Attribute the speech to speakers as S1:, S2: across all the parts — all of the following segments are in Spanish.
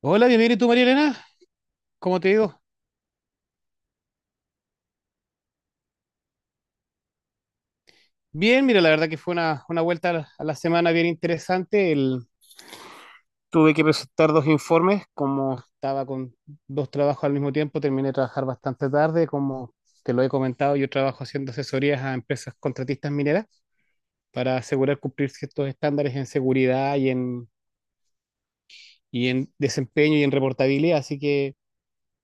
S1: Hola, bienvenido. ¿Y tú, María Elena? ¿Cómo te digo? Bien, mira, la verdad que fue una vuelta a la semana bien interesante. Tuve que presentar dos informes, como estaba con dos trabajos al mismo tiempo, terminé de trabajar bastante tarde, como te lo he comentado. Yo trabajo haciendo asesorías a empresas contratistas mineras para asegurar cumplir ciertos estándares en seguridad y en desempeño y en reportabilidad, así que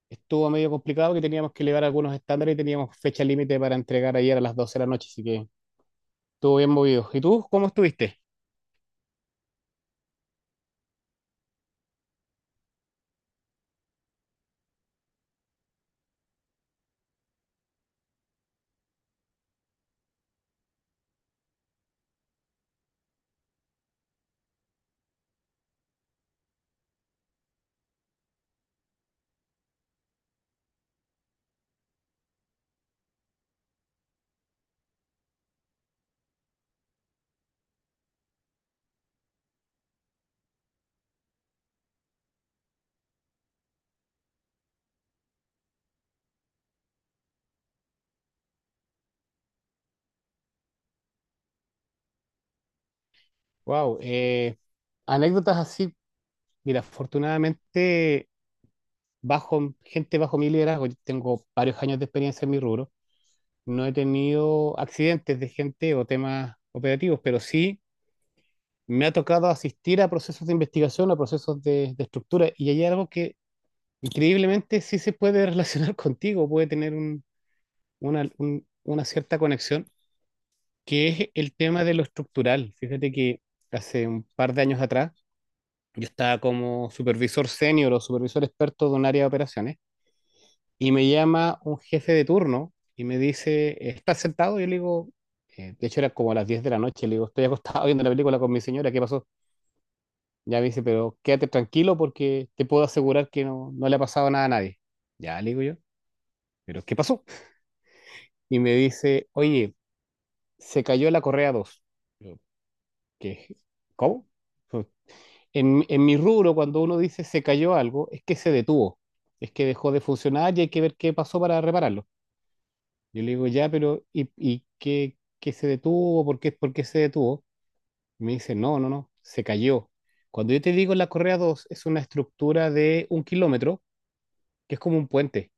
S1: estuvo medio complicado, que teníamos que elevar algunos estándares y teníamos fecha límite para entregar ayer a las 12 de la noche, así que. Estuvo bien movido. ¿Y tú cómo estuviste? Wow. Anécdotas así. Mira, afortunadamente, bajo, gente bajo mi liderazgo, yo tengo varios años de experiencia en mi rubro. No he tenido accidentes de gente o temas operativos, pero sí me ha tocado asistir a procesos de investigación, a procesos de estructura. Y hay algo que increíblemente sí se puede relacionar contigo, puede tener una cierta conexión, que es el tema de lo estructural. Fíjate que hace un par de años atrás, yo estaba como supervisor senior o supervisor experto de un área de operaciones, y me llama un jefe de turno y me dice: ¿estás sentado? Yo le digo, de hecho era como a las 10 de la noche, le digo, estoy acostado viendo la película con mi señora, ¿qué pasó? Ya me dice: pero quédate tranquilo porque te puedo asegurar que no, no le ha pasado nada a nadie. Ya le digo yo, ¿pero qué pasó? Y me dice: oye, se cayó la correa dos. Yo, ¿qué? ¿Cómo? En mi rubro, cuando uno dice se cayó algo, es que se detuvo, es que dejó de funcionar y hay que ver qué pasó para repararlo. Yo le digo, ya, pero ¿y qué se detuvo? ¿Por qué se detuvo? Y me dice: no, no, no, se cayó. Cuando yo te digo la correa dos, es una estructura de un kilómetro, que es como un puente,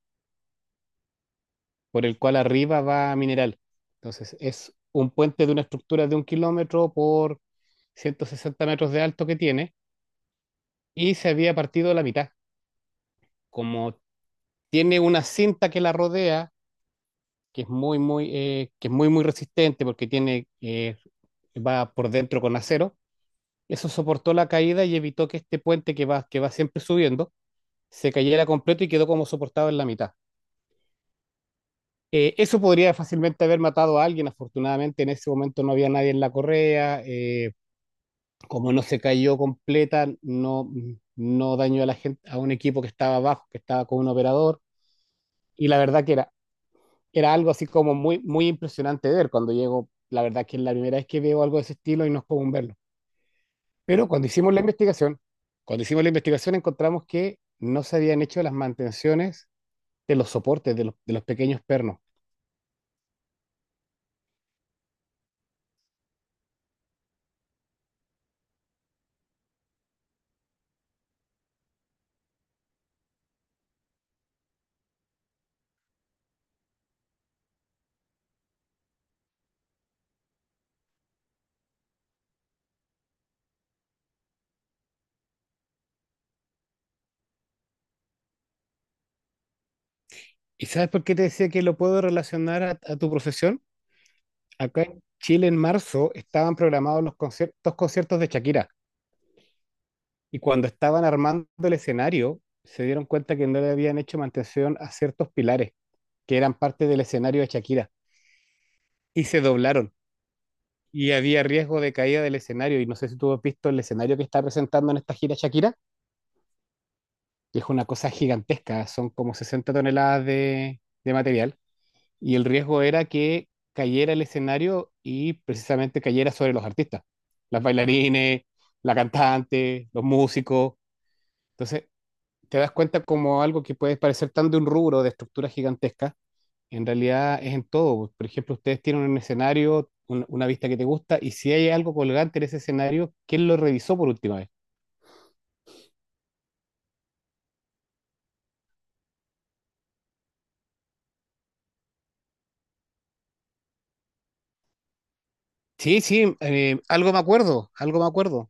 S1: por el cual arriba va mineral. Entonces, es un puente de una estructura de un kilómetro por 160 metros de alto que tiene, y se había partido la mitad, como. Tiene una cinta que la rodea, que es muy, muy resistente, porque tiene, va por dentro con acero. Eso soportó la caída y evitó que este puente que va siempre subiendo se cayera completo, y quedó como soportado en la mitad. Eso podría fácilmente haber matado a alguien. Afortunadamente, en ese momento no había nadie en la correa. Como no se cayó completa, no, no dañó a la gente, a un equipo que estaba abajo, que estaba con un operador. Y la verdad que era algo así como muy, muy impresionante ver cuando llego. La verdad que es la primera vez que veo algo de ese estilo y no es común verlo. Pero cuando hicimos la investigación encontramos que no se habían hecho las mantenciones de los soportes, de los pequeños pernos. ¿Y sabes por qué te decía que lo puedo relacionar a tu profesión? Acá en Chile, en marzo estaban programados los conciertos, de Shakira, y cuando estaban armando el escenario se dieron cuenta que no le habían hecho mantención a ciertos pilares que eran parte del escenario de Shakira, y se doblaron. Y había riesgo de caída del escenario. Y no sé si tú has visto el escenario que está presentando en esta gira Shakira, que es una cosa gigantesca, son como 60 toneladas de material. Y el riesgo era que cayera el escenario y precisamente cayera sobre los artistas, las bailarines, la cantante, los músicos. Entonces, te das cuenta como algo que puede parecer tan de un rubro de estructura gigantesca, en realidad es en todo. Por ejemplo, ustedes tienen un escenario, una vista que te gusta, y si hay algo colgante en ese escenario, ¿quién lo revisó por última vez? Sí, sí, algo me acuerdo, algo me acuerdo.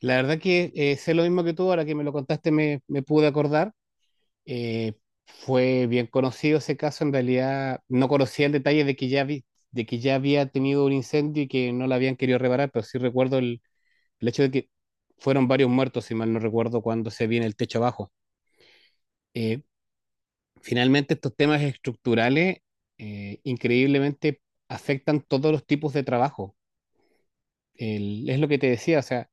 S1: La verdad que sé lo mismo que tú. Ahora que me lo contaste me pude acordar. Eh, Fue bien conocido ese caso. En realidad no conocía el detalle de que ya había tenido un incendio y que no la habían querido reparar, pero sí recuerdo el hecho de que fueron varios muertos, si mal no recuerdo, cuando se viene el techo abajo. Eh, Finalmente, estos temas estructurales increíblemente afectan todos los tipos de trabajo. Es lo que te decía, o sea,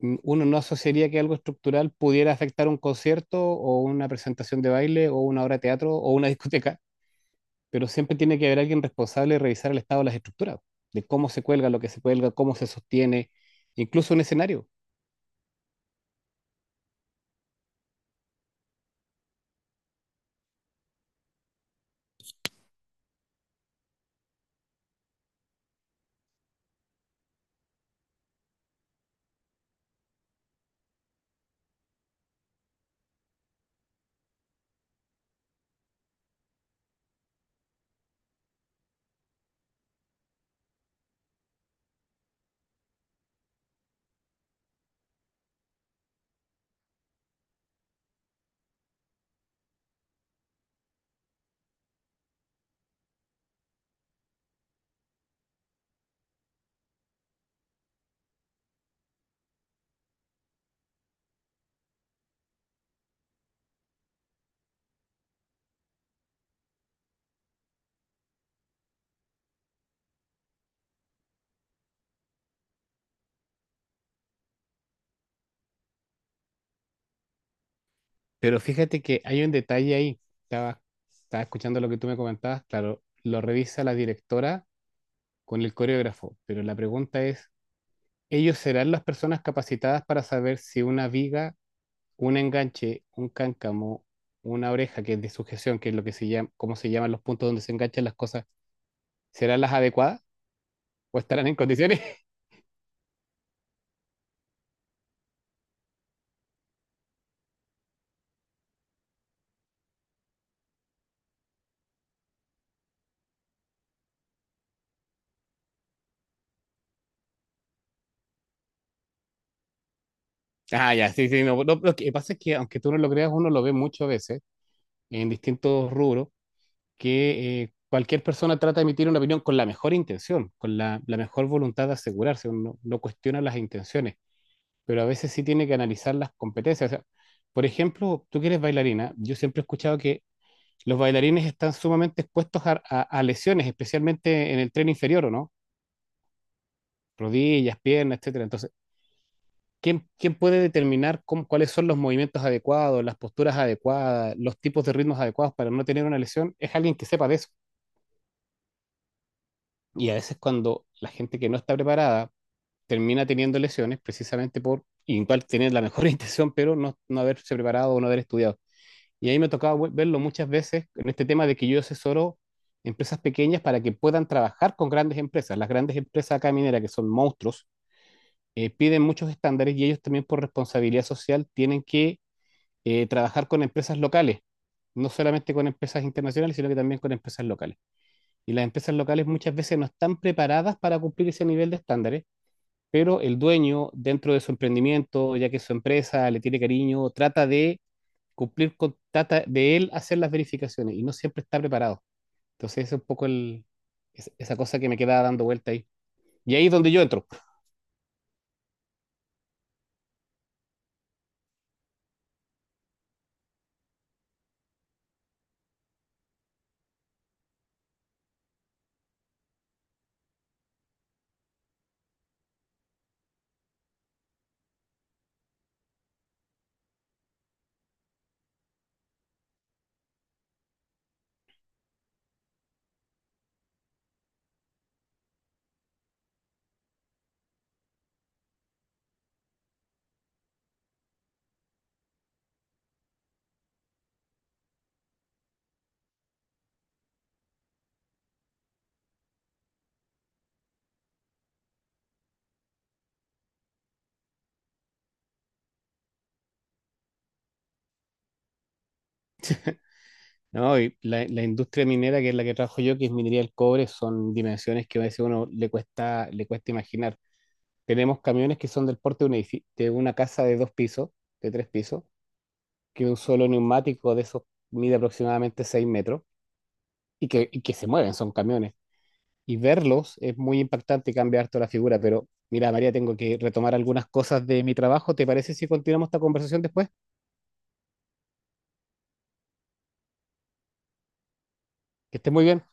S1: uno no asociaría que algo estructural pudiera afectar un concierto o una presentación de baile o una obra de teatro o una discoteca, pero siempre tiene que haber alguien responsable de revisar el estado de las estructuras, de cómo se cuelga, lo que se cuelga, cómo se sostiene, incluso un escenario. Pero fíjate que hay un detalle ahí. Estaba escuchando lo que tú me comentabas. Claro, lo revisa la directora con el coreógrafo, pero la pregunta es, ¿ellos serán las personas capacitadas para saber si una viga, un enganche, un cáncamo, una oreja, que es de sujeción, que es lo que se llama, cómo se llaman los puntos donde se enganchan las cosas, serán las adecuadas o estarán en condiciones? Ah, ya, sí, sí, no, no, lo que pasa es que, aunque tú no lo creas, uno lo ve muchas veces en distintos rubros, que cualquier persona trata de emitir una opinión con la mejor intención, con la mejor voluntad de asegurarse. Uno no cuestiona las intenciones, pero a veces sí tiene que analizar las competencias. O sea, por ejemplo, tú que eres bailarina, yo siempre he escuchado que los bailarines están sumamente expuestos a lesiones, especialmente en el tren inferior, ¿o no? Rodillas, piernas, etcétera. Entonces, ¿quién puede determinar cuáles son los movimientos adecuados, las posturas adecuadas, los tipos de ritmos adecuados para no tener una lesión? Es alguien que sepa de eso. Y a veces cuando la gente que no está preparada termina teniendo lesiones precisamente por igual tener la mejor intención, pero no haberse preparado o no haber estudiado. Y ahí me tocaba verlo muchas veces, en este tema de que yo asesoro empresas pequeñas para que puedan trabajar con grandes empresas. Las grandes empresas acá mineras, que son monstruos, piden muchos estándares, y ellos también, por responsabilidad social, tienen que trabajar con empresas locales, no solamente con empresas internacionales, sino que también con empresas locales. Y las empresas locales muchas veces no están preparadas para cumplir ese nivel de estándares, pero el dueño, dentro de su emprendimiento, ya que su empresa le tiene cariño, trata de cumplir, con trata de él hacer las verificaciones, y no siempre está preparado. Entonces, ese es un poco esa cosa que me quedaba dando vuelta ahí. Y ahí es donde yo entro, ¿no? Y la industria minera, que es la que trabajo yo, que es minería del cobre, son dimensiones que a veces uno le cuesta imaginar. Tenemos camiones que son del porte de una casa de dos pisos, de tres pisos, que un solo neumático de esos mide aproximadamente 6 metros y que, se mueven, son camiones. Y verlos es muy impactante, cambia harto la figura. Pero mira, María, tengo que retomar algunas cosas de mi trabajo. ¿Te parece si continuamos esta conversación después? Que estés muy bien.